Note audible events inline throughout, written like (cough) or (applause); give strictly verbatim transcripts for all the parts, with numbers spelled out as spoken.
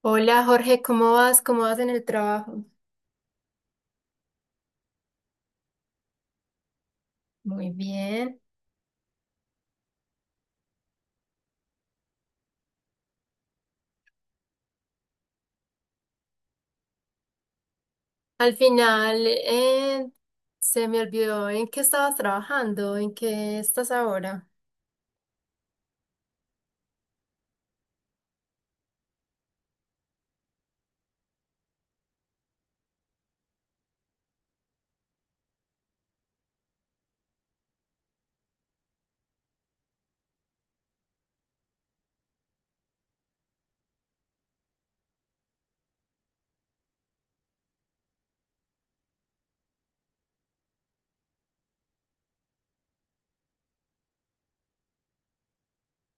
Hola Jorge, ¿cómo vas? ¿Cómo vas en el trabajo? Muy bien. Al final, eh, se me olvidó en qué estabas trabajando, en qué estás ahora.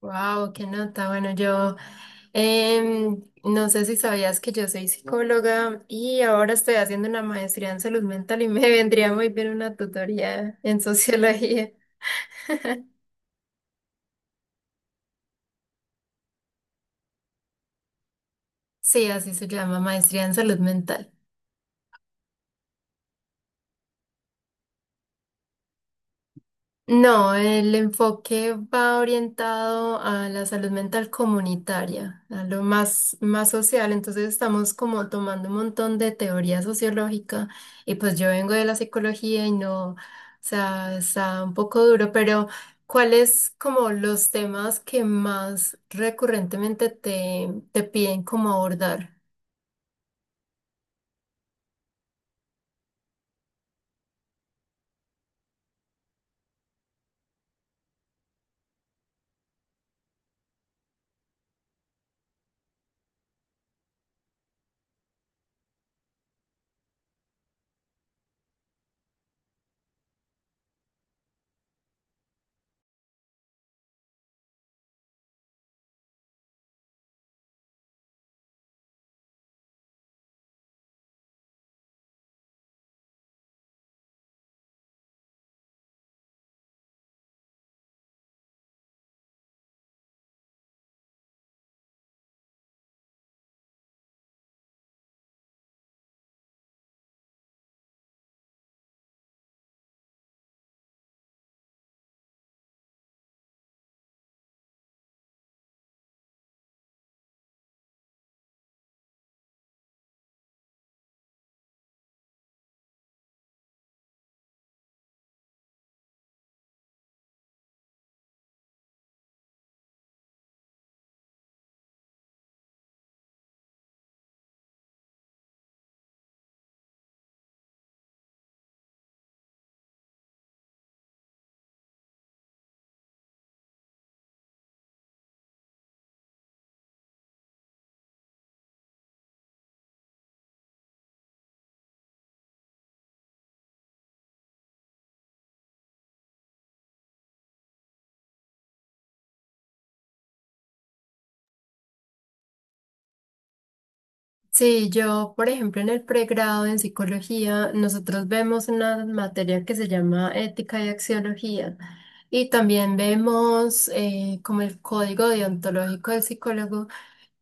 Wow, qué nota. Bueno, yo em, no sé si sabías que yo soy psicóloga y ahora estoy haciendo una maestría en salud mental y me (laughs) vendría muy bien una tutoría en sociología. Sí, así se llama, maestría en salud mental. No, el enfoque va orientado a la salud mental comunitaria, a lo más, más social. Entonces estamos como tomando un montón de teoría sociológica y pues yo vengo de la psicología y no, o sea, está un poco duro, pero ¿cuáles como los temas que más recurrentemente te, te piden como abordar? Sí, yo, por ejemplo, en el pregrado en psicología, nosotros vemos una materia que se llama ética y axiología. Y también vemos eh, como el código deontológico del psicólogo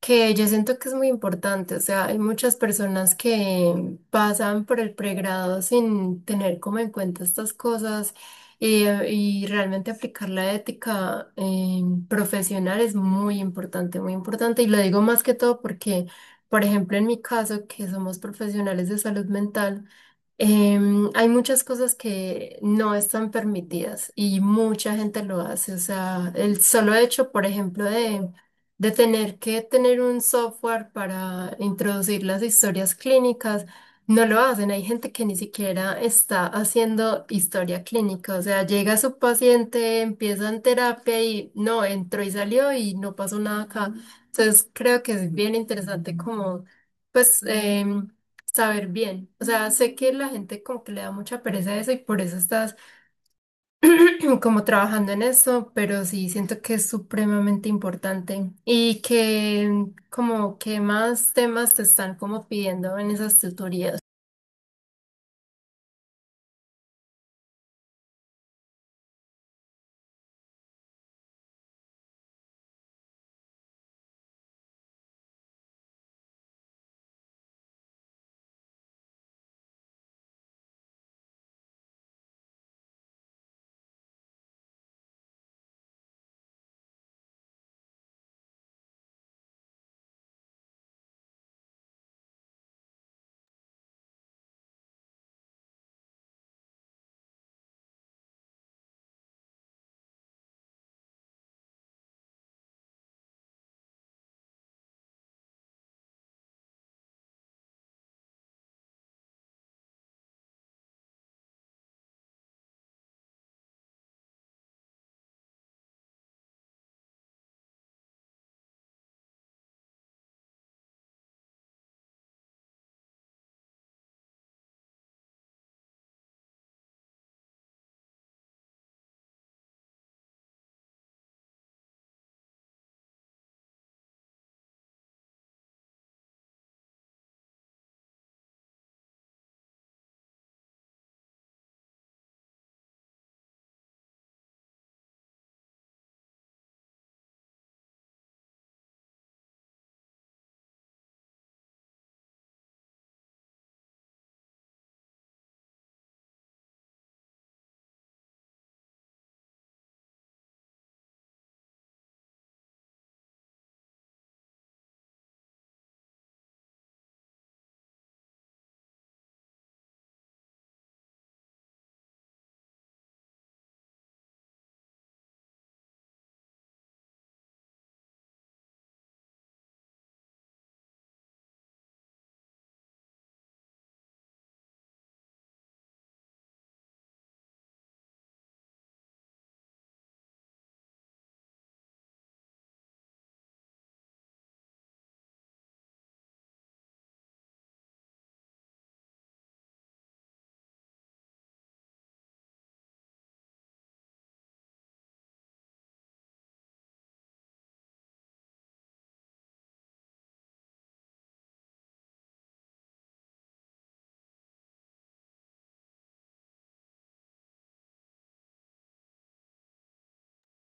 que yo siento que es muy importante, o sea, hay muchas personas que pasan por el pregrado sin tener como en cuenta estas cosas y, y realmente aplicar la ética eh, profesional es muy importante, muy importante y lo digo más que todo porque, por ejemplo, en mi caso, que somos profesionales de salud mental. Em, hay muchas cosas que no están permitidas y mucha gente lo hace. O sea, el solo hecho, por ejemplo, de, de tener que tener un software para introducir las historias clínicas, no lo hacen. Hay gente que ni siquiera está haciendo historia clínica. O sea, llega su paciente, empieza en terapia y no, entró y salió y no pasó nada acá. Entonces, creo que es bien interesante como, pues... em, saber bien. O sea, sé que la gente como que le da mucha pereza a eso y por eso estás (clears throat) como trabajando en eso, pero sí siento que es supremamente importante y que como que más temas te están como pidiendo en esas tutorías.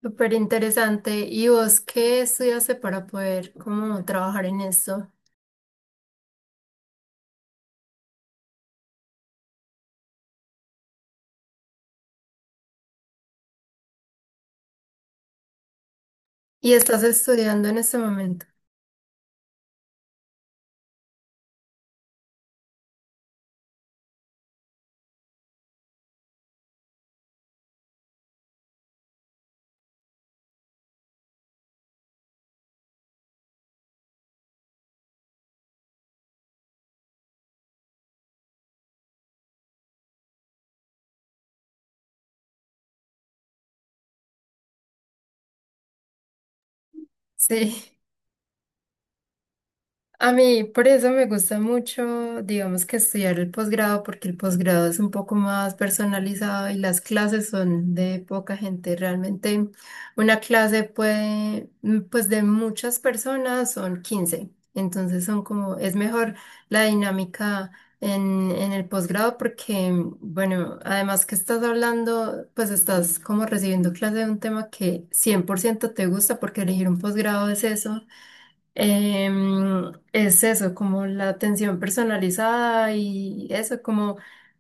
Súper interesante. ¿Y vos qué estudiaste para poder como trabajar en eso? ¿Y estás estudiando en este momento? Sí. A mí, por eso me gusta mucho, digamos que estudiar el posgrado, porque el posgrado es un poco más personalizado y las clases son de poca gente. Realmente una clase puede, mm, pues de muchas personas son quince. Entonces son como, es mejor la dinámica en, en el posgrado porque, mm, bueno, además que estás hablando, pues estás como recibiendo clase de un tema que cien por ciento te gusta porque elegir un posgrado es eso, em, es eso, como la atención personalizada y eso, como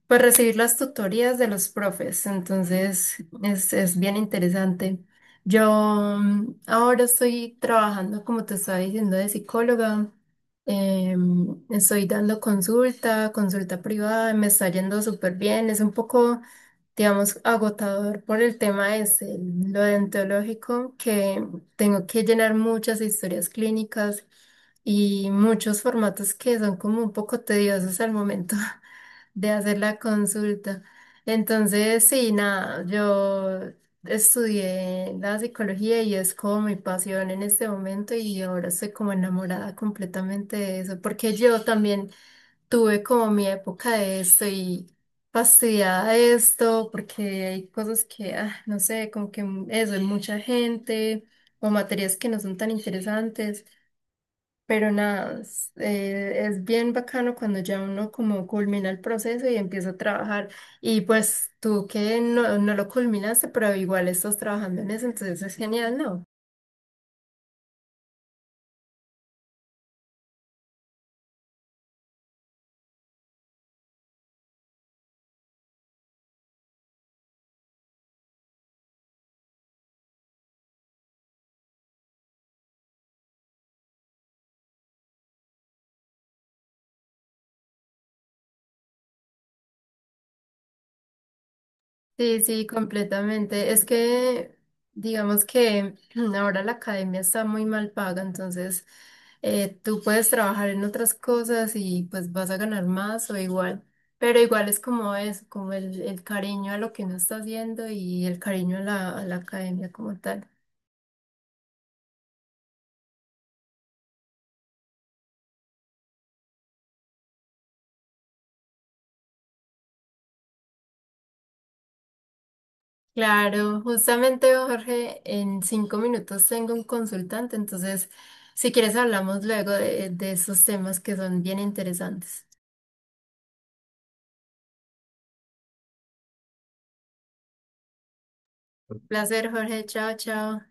pues recibir las tutorías de los profes. Entonces, es, es bien interesante. Yo mm, ahora estoy trabajando, como te estaba diciendo, de psicóloga. Em, estoy dando consulta, consulta privada, me está yendo súper bien. Es un poco, digamos, agotador por el tema es lo dentológico, que tengo que llenar muchas historias clínicas y muchos formatos que son como un poco tediosos al momento (laughs) de hacer la consulta. Entonces, sí, nada, yo estudié la psicología y es como mi pasión en este momento y ahora estoy como enamorada completamente de eso, porque yo también tuve como mi época de esto y fastidiada de esto porque hay cosas que, ah, no sé, como que m- eso, hay mucha gente o materias que no son tan interesantes, pero nada, es, eh, es bien bacano cuando ya uno como culmina el proceso y empieza a trabajar y pues tú que no, no lo culminaste, pero igual estás trabajando en eso, entonces es genial, ¿no? Sí, sí, completamente. Es que, digamos que (clears throat) ahora la academia está muy mal paga, entonces eh, tú puedes trabajar en otras cosas y pues vas a ganar más o igual, pero igual es como eso, como el, el cariño a lo que uno está haciendo y el cariño a la, a la, academia como tal. Claro, justamente Jorge, en cinco minutos tengo un consultante, entonces si quieres hablamos luego de, de, esos temas que son bien interesantes. Placer, Jorge, chao, chao.